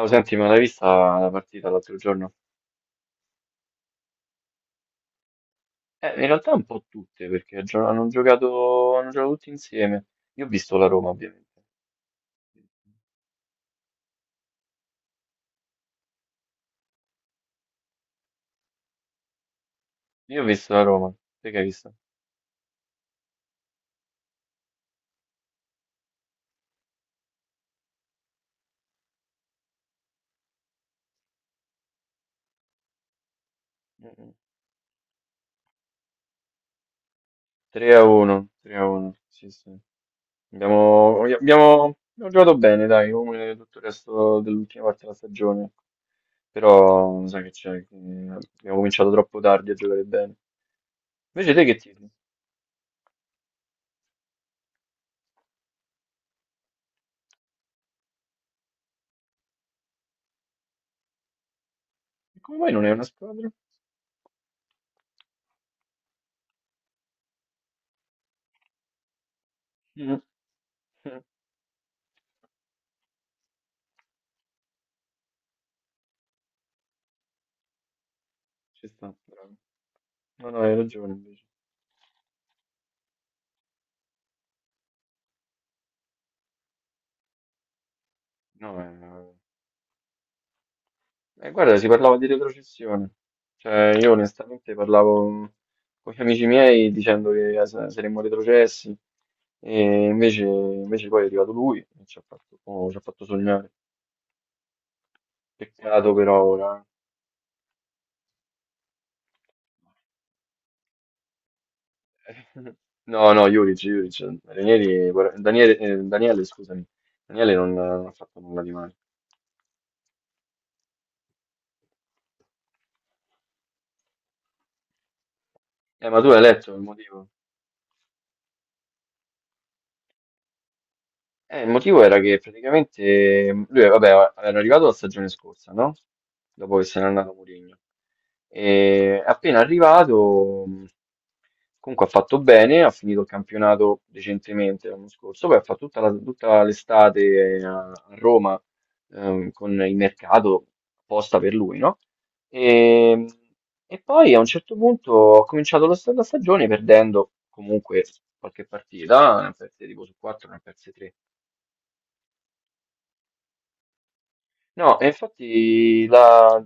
Oh, senti, ma l'hai vista la partita l'altro giorno? In realtà un po' tutte, perché hanno giocato tutti insieme. Io ho visto la Roma, ovviamente. Io ho visto la Roma. Te che hai visto? Mm-mm. 3 a 1, 3 a 1. Sì, sì. Abbiamo, abbiamo, abbiamo giocato bene, dai, come tutto il resto dell'ultima parte della stagione. Però, sai che c'è, che abbiamo cominciato troppo tardi a giocare bene. Invece te che tifi? E come mai non è una squadra? Mm. Ci sta, bravo. No, no, hai ragione invece. No, guarda, si parlava di retrocessione. Cioè, io onestamente parlavo con gli amici miei dicendo che saremmo retrocessi e invece poi è arrivato lui e ci ha fatto sognare. Peccato però ora. No, no, Juric, Juric. Daniele, scusami. Daniele non ha fatto nulla di male. Ma tu hai letto il motivo? Il motivo era che praticamente lui, vabbè, era arrivato la stagione scorsa, no? Dopo che se n'è andato Mourinho. E appena arrivato, comunque ha fatto bene, ha finito il campionato decentemente l'anno scorso, poi ha fatto tutta l'estate a Roma, con il mercato apposta per lui, no? E, e poi a un certo punto ho cominciato la stagione perdendo comunque qualche partita, ne ha perse tipo su 4, ne ha perse 3. No, e infatti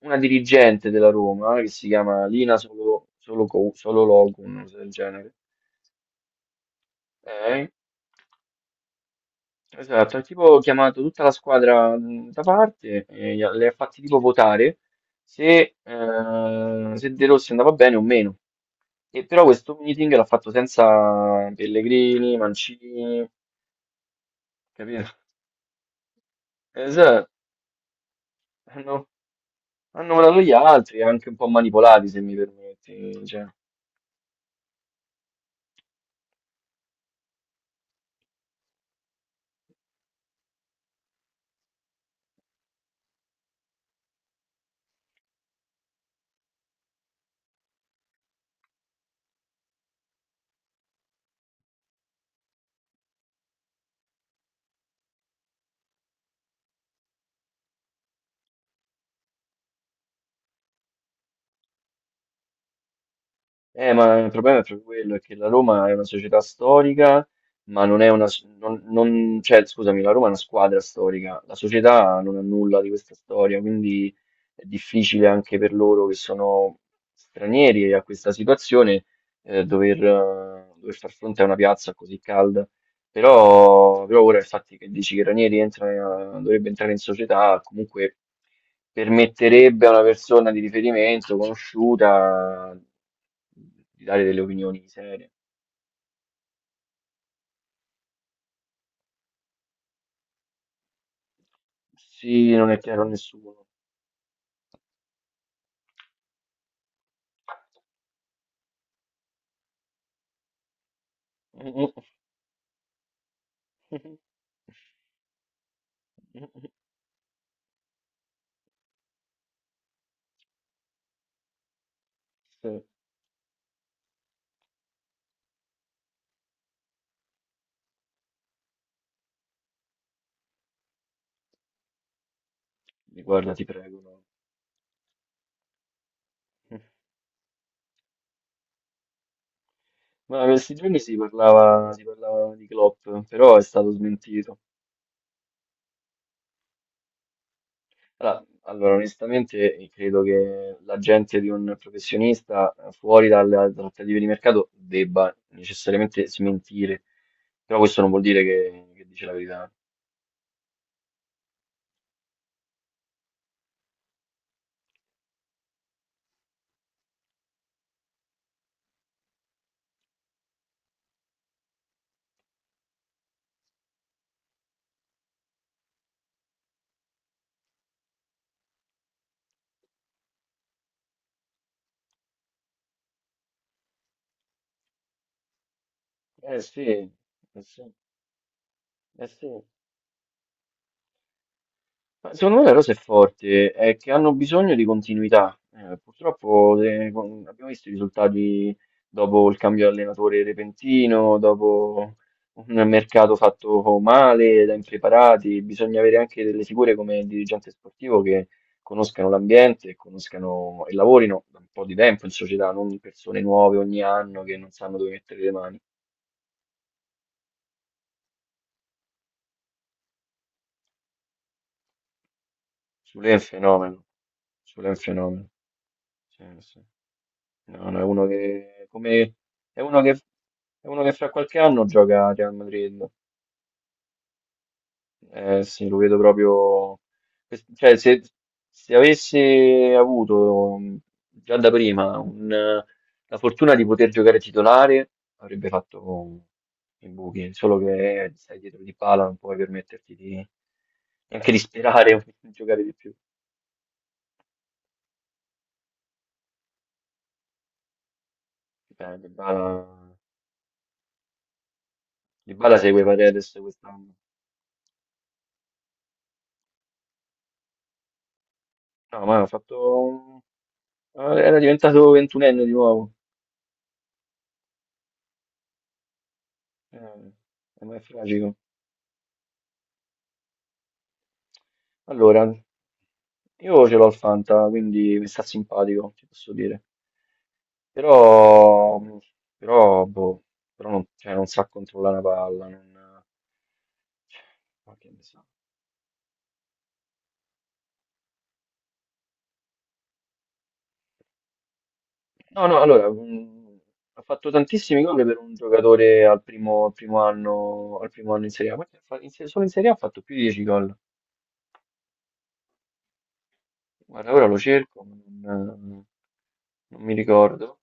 una dirigente della Roma, che si chiama Lina Solo, Solo, Co- Solo Loco, una cosa del genere, eh, esatto, ha tipo chiamato tutta la squadra da parte e le ha fatti tipo votare se De Rossi andava bene o meno. E però questo meeting l'ha fatto senza Pellegrini, Mancini, capito? Esatto, hanno, hanno votato gli altri, anche un po' manipolati, se mi permetti. Cioè. Ma il problema è proprio quello, è che la Roma è una società storica, ma non è una, cioè, scusami, la Roma è una squadra storica, la società non ha nulla di questa storia, quindi è difficile anche per loro che sono stranieri a questa situazione, dover far fronte a una piazza così calda. Però ora il fatto che dici che Ranieri entra, dovrebbe entrare in società, comunque permetterebbe a una persona di riferimento conosciuta di dare delle opinioni serie. Sì, non è chiaro a nessuno. Sì, guarda, ti prego, no. Ma questi giorni si parlava di Klopp, però è stato smentito. Allora, onestamente, credo che l'agente di un professionista fuori dalle trattative di mercato debba necessariamente smentire, però questo non vuol dire che dice la verità. Eh sì, eh sì, eh sì. Ma secondo me la cosa è forte, è che hanno bisogno di continuità. Purtroppo abbiamo visto i risultati dopo il cambio di allenatore repentino, dopo un mercato fatto male, da impreparati. Bisogna avere anche delle figure come il dirigente sportivo che conoscano l'ambiente, e conoscano e lavorino da un po' di tempo in società, non persone nuove ogni anno che non sanno dove mettere le mani. Sulle è un fenomeno, Sulé è un fenomeno. Sì, sì. No, no, è uno che, è uno che fra qualche anno gioca a Real Madrid. Sì, lo vedo proprio. Cioè, se avesse avuto già da prima la fortuna di poter giocare titolare, avrebbe fatto i buchi. Solo che stai dietro di pala, non puoi permetterti neanche di sperare di giocare di più. Eh, Dybala, Dybala segue Paredes quest'anno. No, ma ha fatto era diventato ventunenne di nuovo. Ma è tragico. Allora, io ce l'ho il Fanta, quindi mi sta simpatico, ti posso dire. Però, però, boh, però non, cioè, non sa controllare una palla. Non. Ma che ne so. No, no, allora, ha fatto tantissimi gol per un giocatore al primo anno in Serie A. Guarda, fa- in se- Solo in Serie A ha fatto più di 10 gol. Guarda, ora lo cerco, ma non, non mi ricordo.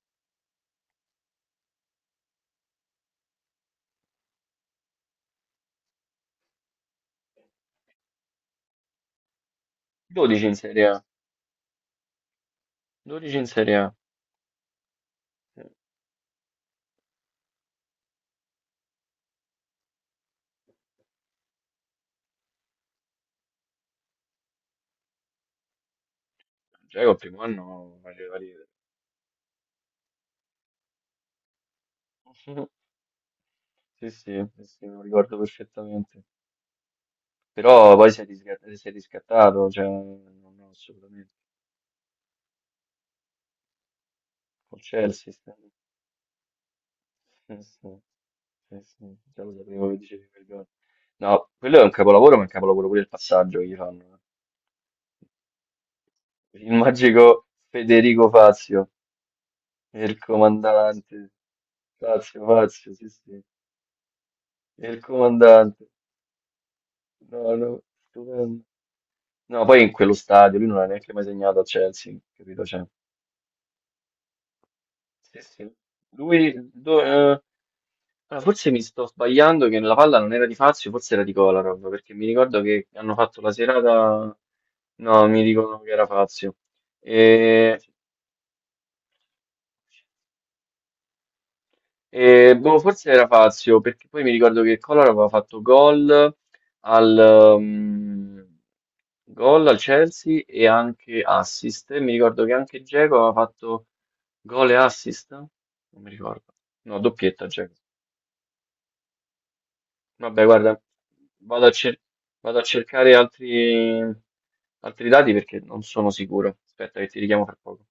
12 in Serie A. 12 in Serie A. Sì. Già col primo anno faceva ridere. Sì, sì, sì, sì, me lo ricordo perfettamente. Però poi si è riscattato, cioè, non no, assolutamente. Col Chelsea, sì, sì, sì, sì, già lo sapevo che dicevi quel gol. No, quello è un capolavoro, ma è un capolavoro pure il passaggio che gli fanno. Il magico Federico Fazio. E il comandante. Pazzo, pazzo, sì, sì. E il comandante. No, no, stupendo. No, poi in quello stadio lui non ha neanche mai segnato a Chelsea, capito? Cioè, sì, sì. Lui, do- eh, Forse mi sto sbagliando che la palla non era di Fazio, forse era di Kolarov, perché mi ricordo che hanno fatto la serata. No, mi dicono che era Fazio. E E, forse era Fazio, perché poi mi ricordo che Collor aveva fatto al, um, gol al Chelsea e anche assist. E mi ricordo che anche Dzeko aveva fatto gol e assist. Non mi ricordo. No, doppietta Dzeko. Vabbè, guarda, vado a, cer- vado a cercare altri dati perché non sono sicuro. Aspetta che ti richiamo fra poco.